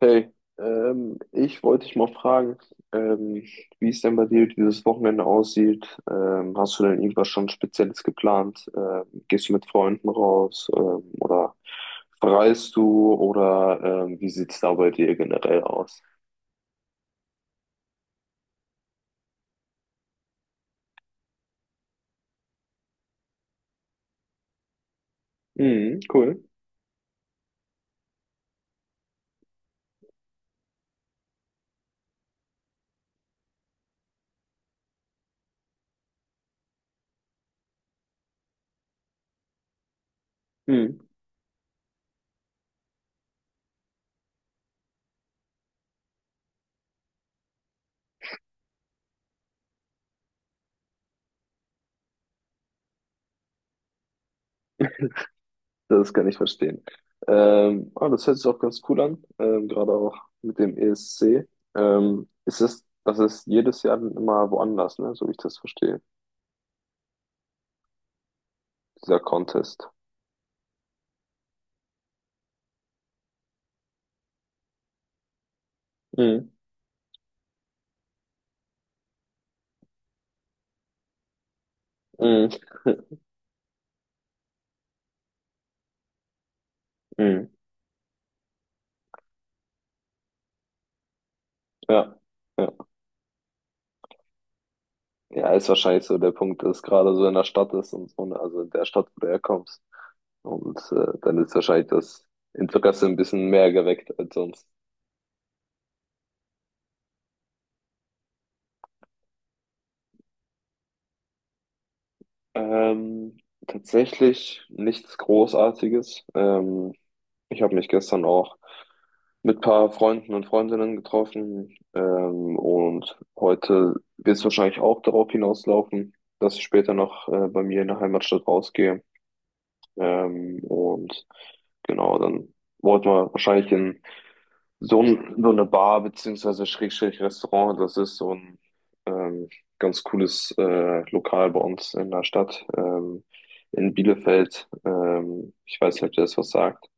Hey, ich wollte dich mal fragen, ähm, wie es denn bei dir dieses Wochenende aussieht. Hast du denn irgendwas schon Spezielles geplant? Gehst du mit Freunden raus, oder verreist du oder wie sieht's da bei dir generell aus? Mhm, cool. Mhm, das kann ich verstehen. Das hört sich auch ganz cool an, gerade auch mit dem ESC. Das ist jedes Jahr dann immer woanders, ne? So wie ich das verstehe, dieser Contest. Mhm. Mhm. Ja. Ja. Ja, ist wahrscheinlich so der Punkt, dass gerade so in der Stadt ist und so, ne? Also in der Stadt, wo du herkommst. Und dann ist wahrscheinlich das Interesse ein bisschen mehr geweckt als sonst. Ähm, Tatsächlich nichts Großartiges. Ich habe mich gestern auch mit ein paar Freunden und Freundinnen getroffen. Und heute wird es wahrscheinlich auch darauf hinauslaufen, dass ich später noch bei mir in der Heimatstadt rausgehe. Und genau, dann wollten wir wahrscheinlich in so eine Bar beziehungsweise Schrägstrich Restaurant. Das ist so ein ähm, ganz cooles Lokal bei uns in der Stadt, in Bielefeld. Ich weiß nicht, ob dir das was sagt.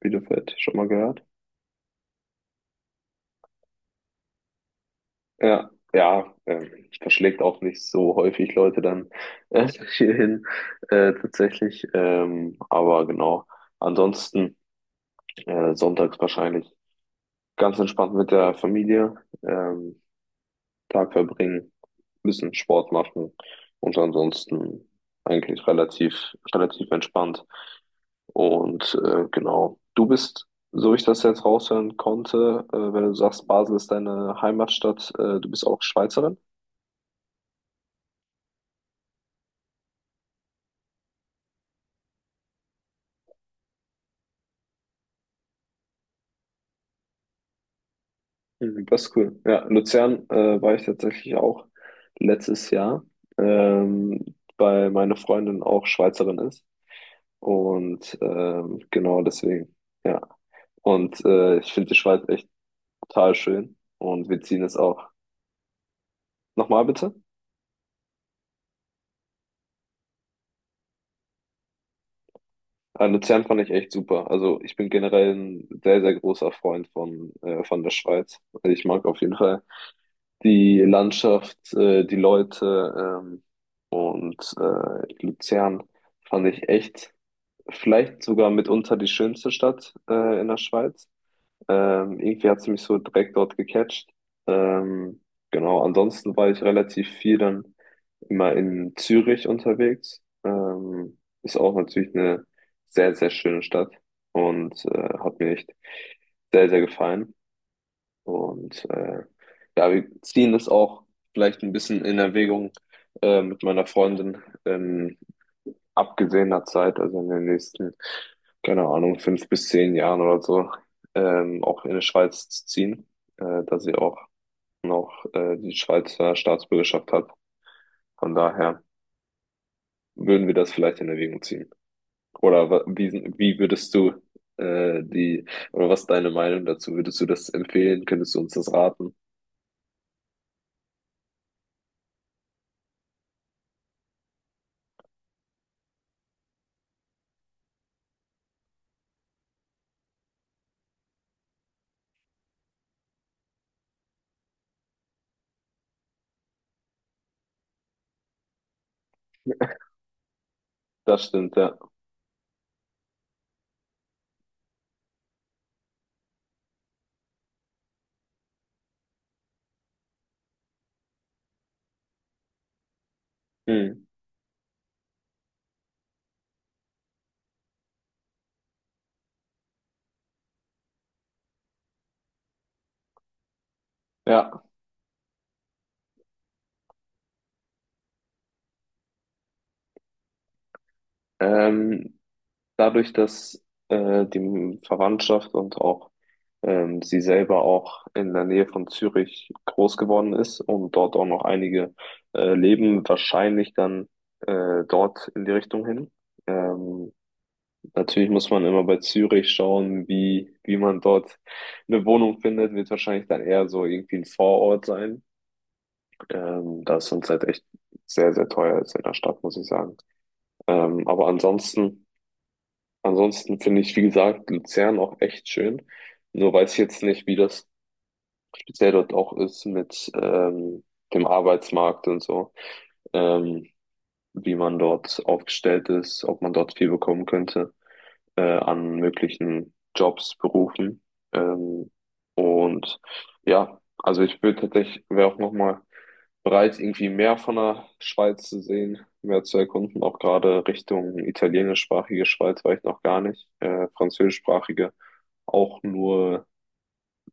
Bielefeld, schon mal gehört? Ja, ja, verschlägt auch nicht so häufig Leute dann äh, hierhin tatsächlich. Aber genau, ansonsten sonntags wahrscheinlich ganz entspannt mit der Familie, ähm, Tag verbringen, bisschen Sport machen und ansonsten eigentlich relativ entspannt. Und genau, du bist, so ich das jetzt raushören konnte, wenn du sagst, Basel ist deine Heimatstadt, du bist auch Schweizerin. Mhm, das ist cool. Ja, Luzern war ich tatsächlich auch letztes Jahr, ähm, weil meine Freundin auch Schweizerin ist. Und genau deswegen, ja. Und ich finde die Schweiz echt total schön. Und wir ziehen es auch. Nochmal bitte? Luzern fand ich echt super. Also ich bin generell ein sehr großer Freund von der Schweiz. Also, ich mag auf jeden Fall die Landschaft, die Leute, ähm, Luzern fand ich echt vielleicht sogar mitunter die schönste Stadt in der Schweiz. Irgendwie hat sie mich so direkt dort gecatcht. Ähm, genau, ansonsten war ich relativ viel dann immer in Zürich unterwegs. Ist auch natürlich eine sehr schöne Stadt und hat mir echt sehr gefallen. Und ja, wir ziehen das auch vielleicht ein bisschen in Erwägung, mit meiner Freundin. Ähm, Abgesehener Zeit, also in den nächsten, keine Ahnung, fünf bis zehn Jahren oder so, auch in die Schweiz zu ziehen, da sie auch noch die Schweizer Staatsbürgerschaft hat. Von daher würden wir das vielleicht in Erwägung ziehen. Wie, wie würdest du äh, die, oder was ist deine Meinung dazu? Würdest du das empfehlen? Könntest du uns das raten? Das stimmt, ja. Hm. Ja. Ähm, dadurch, dass die Verwandtschaft und auch sie selber auch in der Nähe von Zürich groß geworden ist und dort auch noch einige leben, wahrscheinlich dann dort in die Richtung hin. Ähm, Natürlich muss man immer bei Zürich schauen, wie man dort eine Wohnung findet, wird wahrscheinlich dann eher so irgendwie ein Vorort sein, da es uns halt echt sehr teuer ist in der Stadt, muss ich sagen. Ähm, aber ansonsten, ansonsten finde ich, wie gesagt, Luzern auch echt schön. Nur weiß ich jetzt nicht, wie das speziell dort auch ist mit dem Arbeitsmarkt und so, ähm, wie man dort aufgestellt ist, ob man dort viel bekommen könnte an möglichen Jobs, Berufen. Ähm, und ja, also ich würde tatsächlich, wäre auch nochmal bereit, irgendwie mehr von der Schweiz zu sehen, mehr zu erkunden, auch gerade Richtung italienischsprachige Schweiz war ich noch gar nicht, französischsprachige auch nur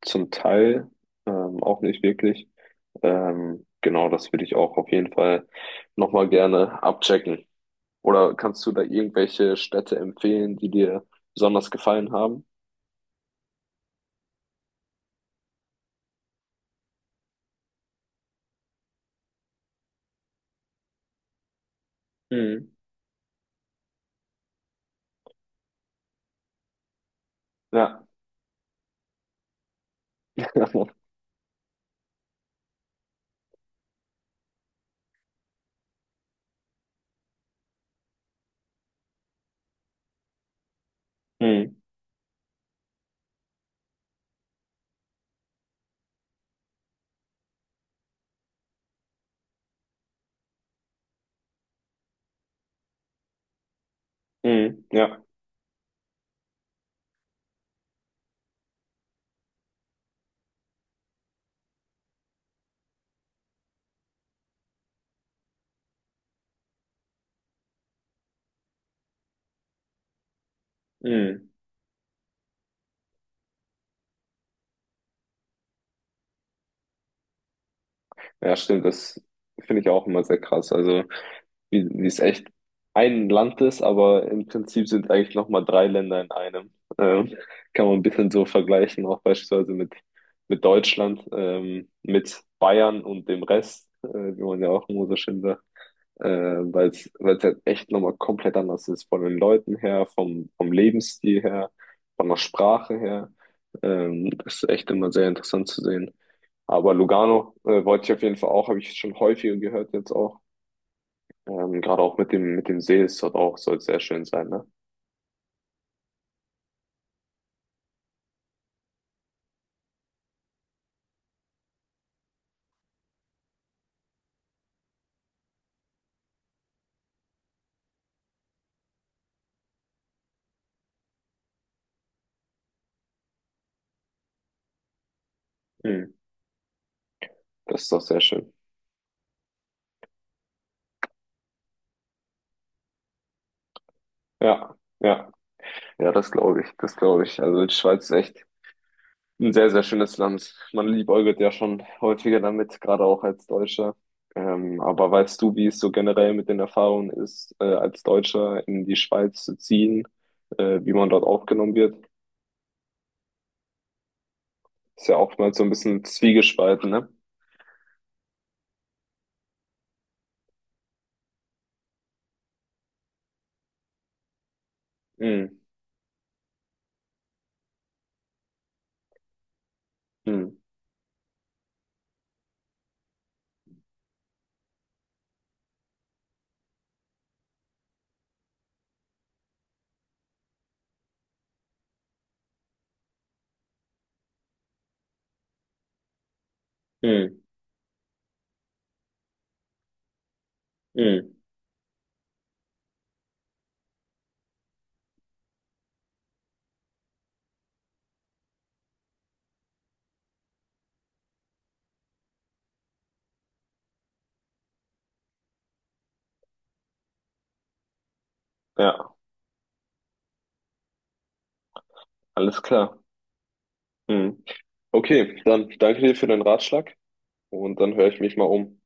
zum Teil, auch nicht wirklich. Genau, das würde ich auch auf jeden Fall nochmal gerne abchecken. Oder kannst du da irgendwelche Städte empfehlen, die dir besonders gefallen haben? Mhm. Ja. Mhm. Mhm. Ja. Mhm. Ja, stimmt. Das finde ich auch immer sehr krass. Also wie es echt ein Land ist, aber im Prinzip sind eigentlich nochmal drei Länder in einem. Ähm, Kann man ein bisschen so vergleichen, auch beispielsweise mit Deutschland, mit Bayern und dem Rest, wie man ja auch immer so schön sagt, weil es halt echt nochmal komplett anders ist, von den Leuten her, vom Lebensstil her, von der Sprache her. Das ist echt immer sehr interessant zu sehen. Aber Lugano, wollte ich auf jeden Fall auch, habe ich schon häufiger gehört jetzt auch. Gerade auch mit dem See ist dort auch, soll sehr schön sein, ne? Mhm. Das ist doch sehr schön. Ja, ja, ja, das glaube ich, das glaube ich. Also die Schweiz ist echt ein sehr schönes Land. Man liebäugelt ja schon häufiger damit, gerade auch als Deutscher. Aber weißt du, wie es so generell mit den Erfahrungen ist, als Deutscher in die Schweiz zu ziehen, wie man dort aufgenommen wird? Ist ja oftmals so ein bisschen zwiegespalten, ne? Mhm. Mhm. Mhm. Mhm. Ja, alles klar. Mhm. Okay, dann danke dir für den Ratschlag und dann höre ich mich mal um.